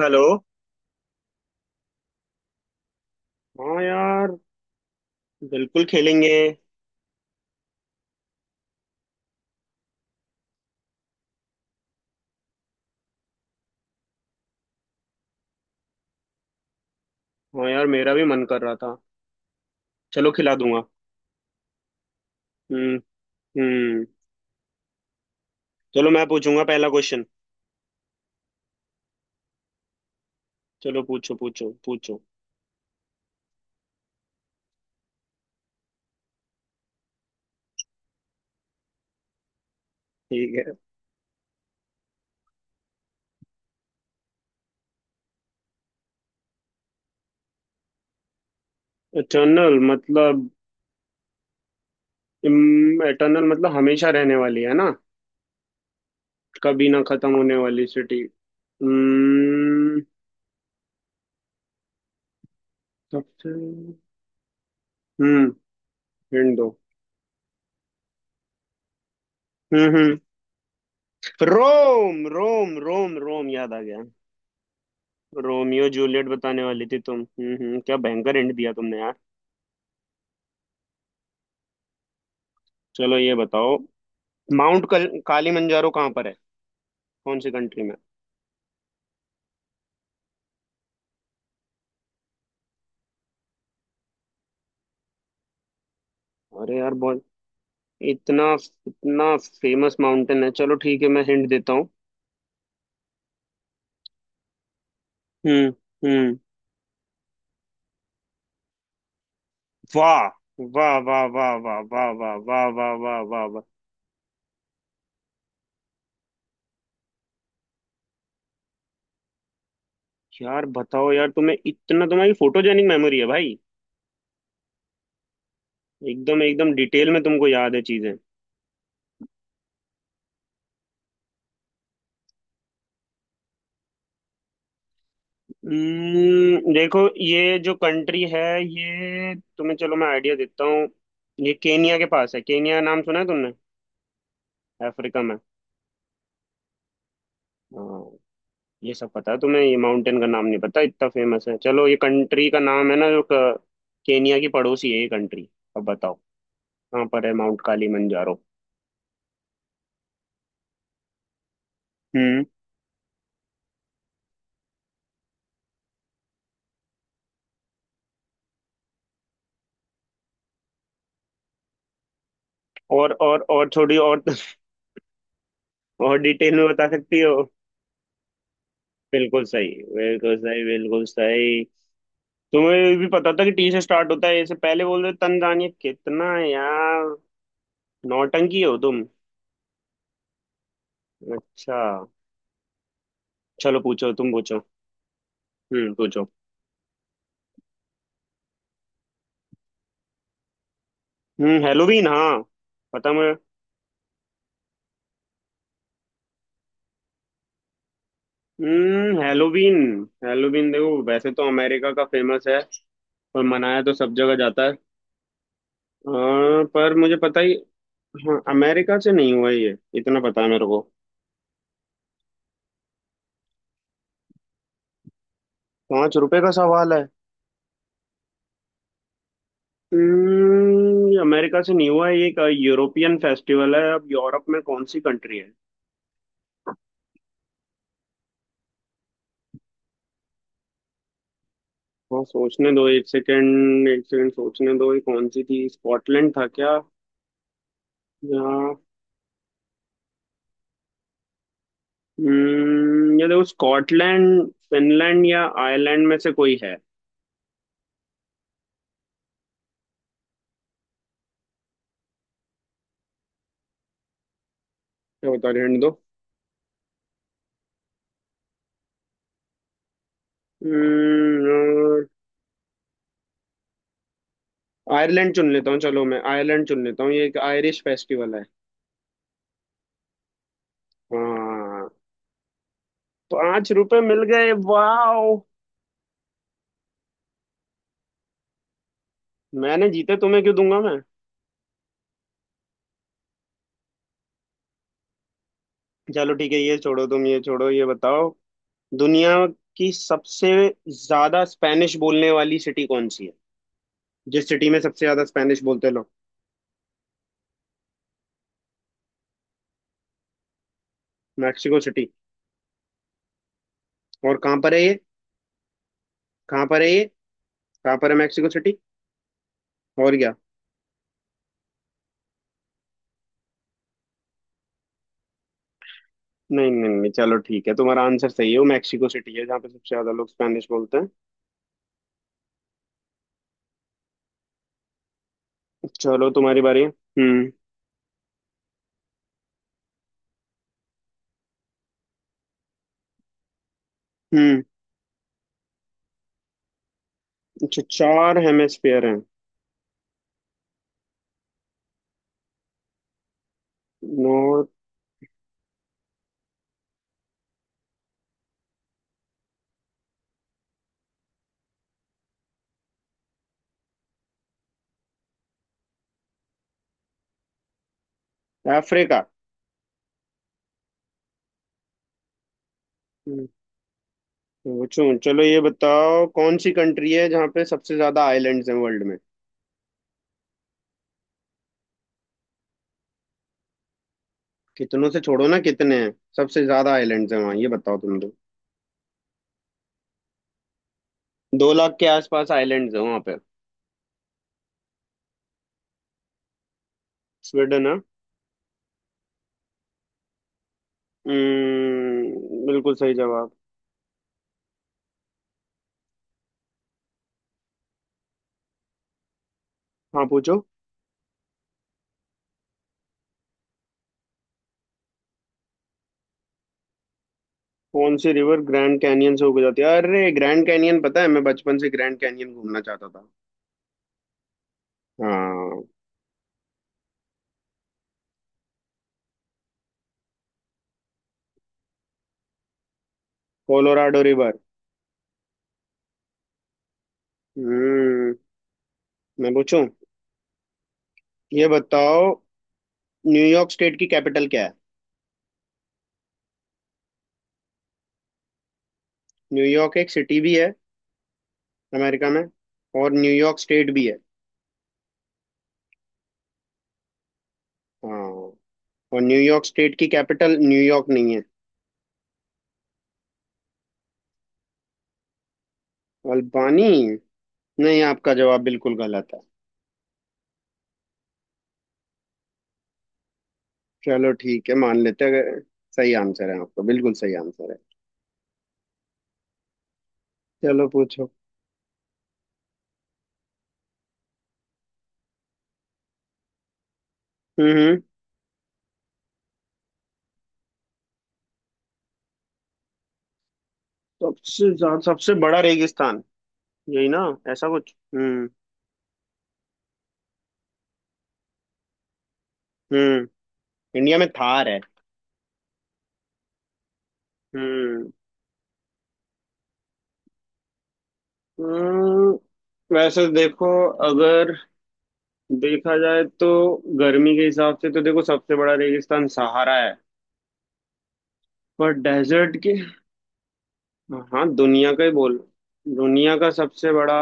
Hello. हाँ यार, बिल्कुल खेलेंगे। हाँ यार, मेरा भी मन कर रहा था। चलो, खिला दूंगा। हम्म, हम्म। चलो, मैं पूछूंगा पहला क्वेश्चन। चलो, पूछो पूछो पूछो। ठीक है। एटर्नल मतलब एटर्नल मतलब हमेशा रहने वाली है ना। कभी ना खत्म होने वाली सिटी। हम्म। सबसे हम्म, हिंट दो। हम्म, हम्म। रोम, रोम, रोम, रोम याद आ गया। रोमियो जूलियट बताने वाली थी तुम। हम्म, हम्म। क्या भयंकर हिंट दिया तुमने। चलो, ये बताओ। माउंट काली मंजारो कहाँ पर है? कौन सी कंट्री में? अरे यार, बहुत इतना इतना फेमस माउंटेन है। चलो ठीक है, मैं हिंट देता हूँ। हम्म, हम्म। वाह, वाह, वाह, वाह, वाह, वाह, वाह, वाह, वाह, वाह, वाह, वाह। यार, बताओ यार, तुम्हें इतना तुम्हारी फोटोजेनिक मेमोरी है भाई। एकदम एकदम डिटेल में तुमको याद है चीजें। देखो, ये जो कंट्री है, ये तुम्हें चलो, मैं आइडिया देता हूँ। ये केनिया के पास है। केनिया नाम सुना है तुमने? अफ्रीका में। हाँ। ये सब पता है तुम्हें, ये माउंटेन का नाम नहीं पता, इतना फेमस है। चलो, ये कंट्री का नाम है ना केनिया की पड़ोसी है ये कंट्री। अब बताओ, कहाँ पर है माउंट कालीमंजारो? हम्म। और थोड़ी और और डिटेल में बता सकती हो? बिल्कुल सही, बिल्कुल सही, बिल्कुल सही। तुम्हें भी पता था कि टी से स्टार्ट होता है, इससे पहले बोल रहे तंजानिया, कितना है यार। नौटंकी हो तुम। अच्छा। चलो, पूछो तुम, पूछो। हम्म, पूछो। हम्म, हेलोवीन, हाँ, पता मुझे। हम्म, हेलोवीन। हेलोवीन देखो, वैसे तो अमेरिका का फेमस है, और मनाया तो सब जगह जाता है। हाँ, पर मुझे पता ही। हाँ, अमेरिका से नहीं हुआ ये, इतना पता है मेरे को। 5 रुपए का सवाल है? हम्म, ये अमेरिका से नहीं हुआ है, ये एक यूरोपियन फेस्टिवल है। अब यूरोप में कौन सी कंट्री है? हाँ, सोचने दो, एक सेकेंड, एक सेकेंड, सोचने दो। ये कौन सी थी, स्कॉटलैंड था क्या? या? हम्म, ये देखो, स्कॉटलैंड, फिनलैंड या आयरलैंड में से कोई है। क्या बता रहे हैं? हम्म, आयरलैंड चुन लेता हूँ, चलो मैं आयरलैंड चुन लेता हूँ, ये एक आयरिश फेस्टिवल है। हाँ, 5 रुपए मिल गए, वाओ। मैंने जीते, तुम्हें क्यों दूंगा मैं? चलो, ठीक है, ये छोड़ो तुम, ये छोड़ो, ये बताओ। दुनिया की सबसे ज्यादा स्पेनिश बोलने वाली सिटी कौन सी है? जिस सिटी में सबसे ज्यादा स्पेनिश बोलते लोग। Mexico City. और कहाँ पर है ये? कहाँ पर है ये? कहाँ पर है मैक्सिको सिटी? और क्या? नहीं, नहीं, नहीं, चलो ठीक है, तुम्हारा आंसर सही है, वो मैक्सिको सिटी है जहाँ पे सबसे ज्यादा लोग स्पेनिश बोलते हैं। चलो, तुम्हारी बारी। हम्म। हम्म, अच्छा, चार हेमिस्फीयर हैं? नॉर्थ। अफ्रीका। हम्म, पूछूं, चलो ये बताओ, कौन सी कंट्री है जहाँ पे सबसे ज्यादा आइलैंड्स हैं वर्ल्ड में? कितनों से छोड़ो ना, कितने हैं? सबसे ज्यादा आइलैंड्स हैं वहाँ, ये बताओ तुम तो। 2 लाख के आसपास आइलैंड्स हैं वहाँ पे। स्वीडन है। हम्म, बिल्कुल सही जवाब। हाँ, पूछो। कौन सी रिवर ग्रैंड कैनियन से होकर जाती है? अरे, ग्रैंड कैनियन पता है, मैं बचपन से ग्रैंड कैनियन घूमना चाहता था। हाँ। Colorado river. हम्म, मैं पूछूं? ये बताओ, न्यूयॉर्क स्टेट की कैपिटल क्या है? न्यूयॉर्क एक सिटी भी है अमेरिका में, और न्यूयॉर्क स्टेट भी है। हाँ। और न्यूयॉर्क स्टेट की कैपिटल न्यूयॉर्क नहीं है। अल्बानी? नहीं, आपका जवाब बिल्कुल गलत है। चलो ठीक है, मान लेते हैं, अगर- सही आंसर है आपका, बिल्कुल सही आंसर है। चलो, पूछो। हम्म, हम्म। सबसे बड़ा रेगिस्तान, यही ना? ऐसा कुछ। हम्म। हम्म, इंडिया में थार है। हम्म। हम्म, वैसे देखो, अगर देखा जाए तो गर्मी के हिसाब से तो देखो, सबसे बड़ा रेगिस्तान सहारा है। पर डेजर्ट के, हाँ, दुनिया का ही बोल। दुनिया का सबसे बड़ा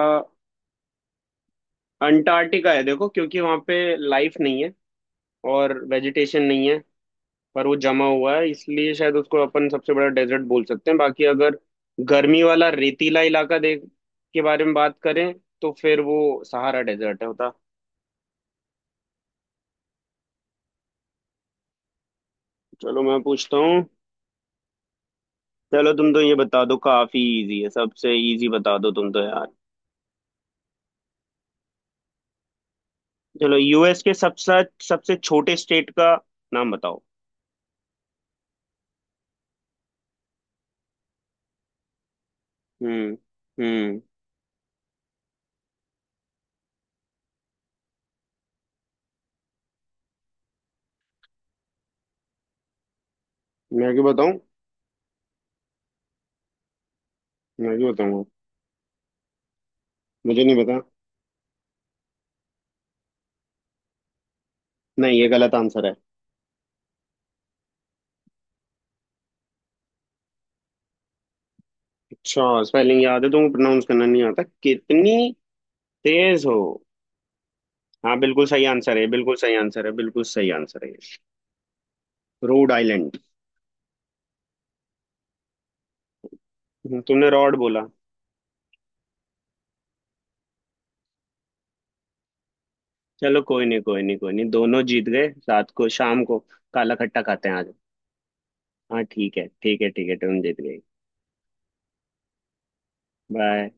अंटार्कटिका है देखो, क्योंकि वहां पे लाइफ नहीं है और वेजिटेशन नहीं है। पर वो जमा हुआ है इसलिए शायद उसको अपन सबसे बड़ा डेजर्ट बोल सकते हैं, बाकी अगर गर्मी वाला रेतीला इलाका देख के बारे में बात करें, तो फिर वो सहारा डेजर्ट है होता। चलो, मैं पूछता हूँ। चलो, तुम तो ये बता दो, काफी इजी है, सबसे इजी बता दो तुम तो यार। चलो, यूएस के सबसे सबसे छोटे स्टेट का नाम बताओ। हम्म, हम्म। मैं क्यों बताऊं? मैं क्यों बताऊंगा? मुझे नहीं पता। नहीं, ये गलत आंसर है। अच्छा, स्पेलिंग याद है तुमको, प्रोनाउंस करना नहीं आता, कितनी तेज हो। हाँ, बिल्कुल सही आंसर है, बिल्कुल सही आंसर है, बिल्कुल सही आंसर है। Rhode Island. तुमने रॉड बोला। चलो, कोई नहीं, कोई नहीं, कोई नहीं, दोनों जीत गए। रात को शाम को काला खट्टा खाते हैं आज। हाँ ठीक है, ठीक है, ठीक है, तुम जीत गई। बाय।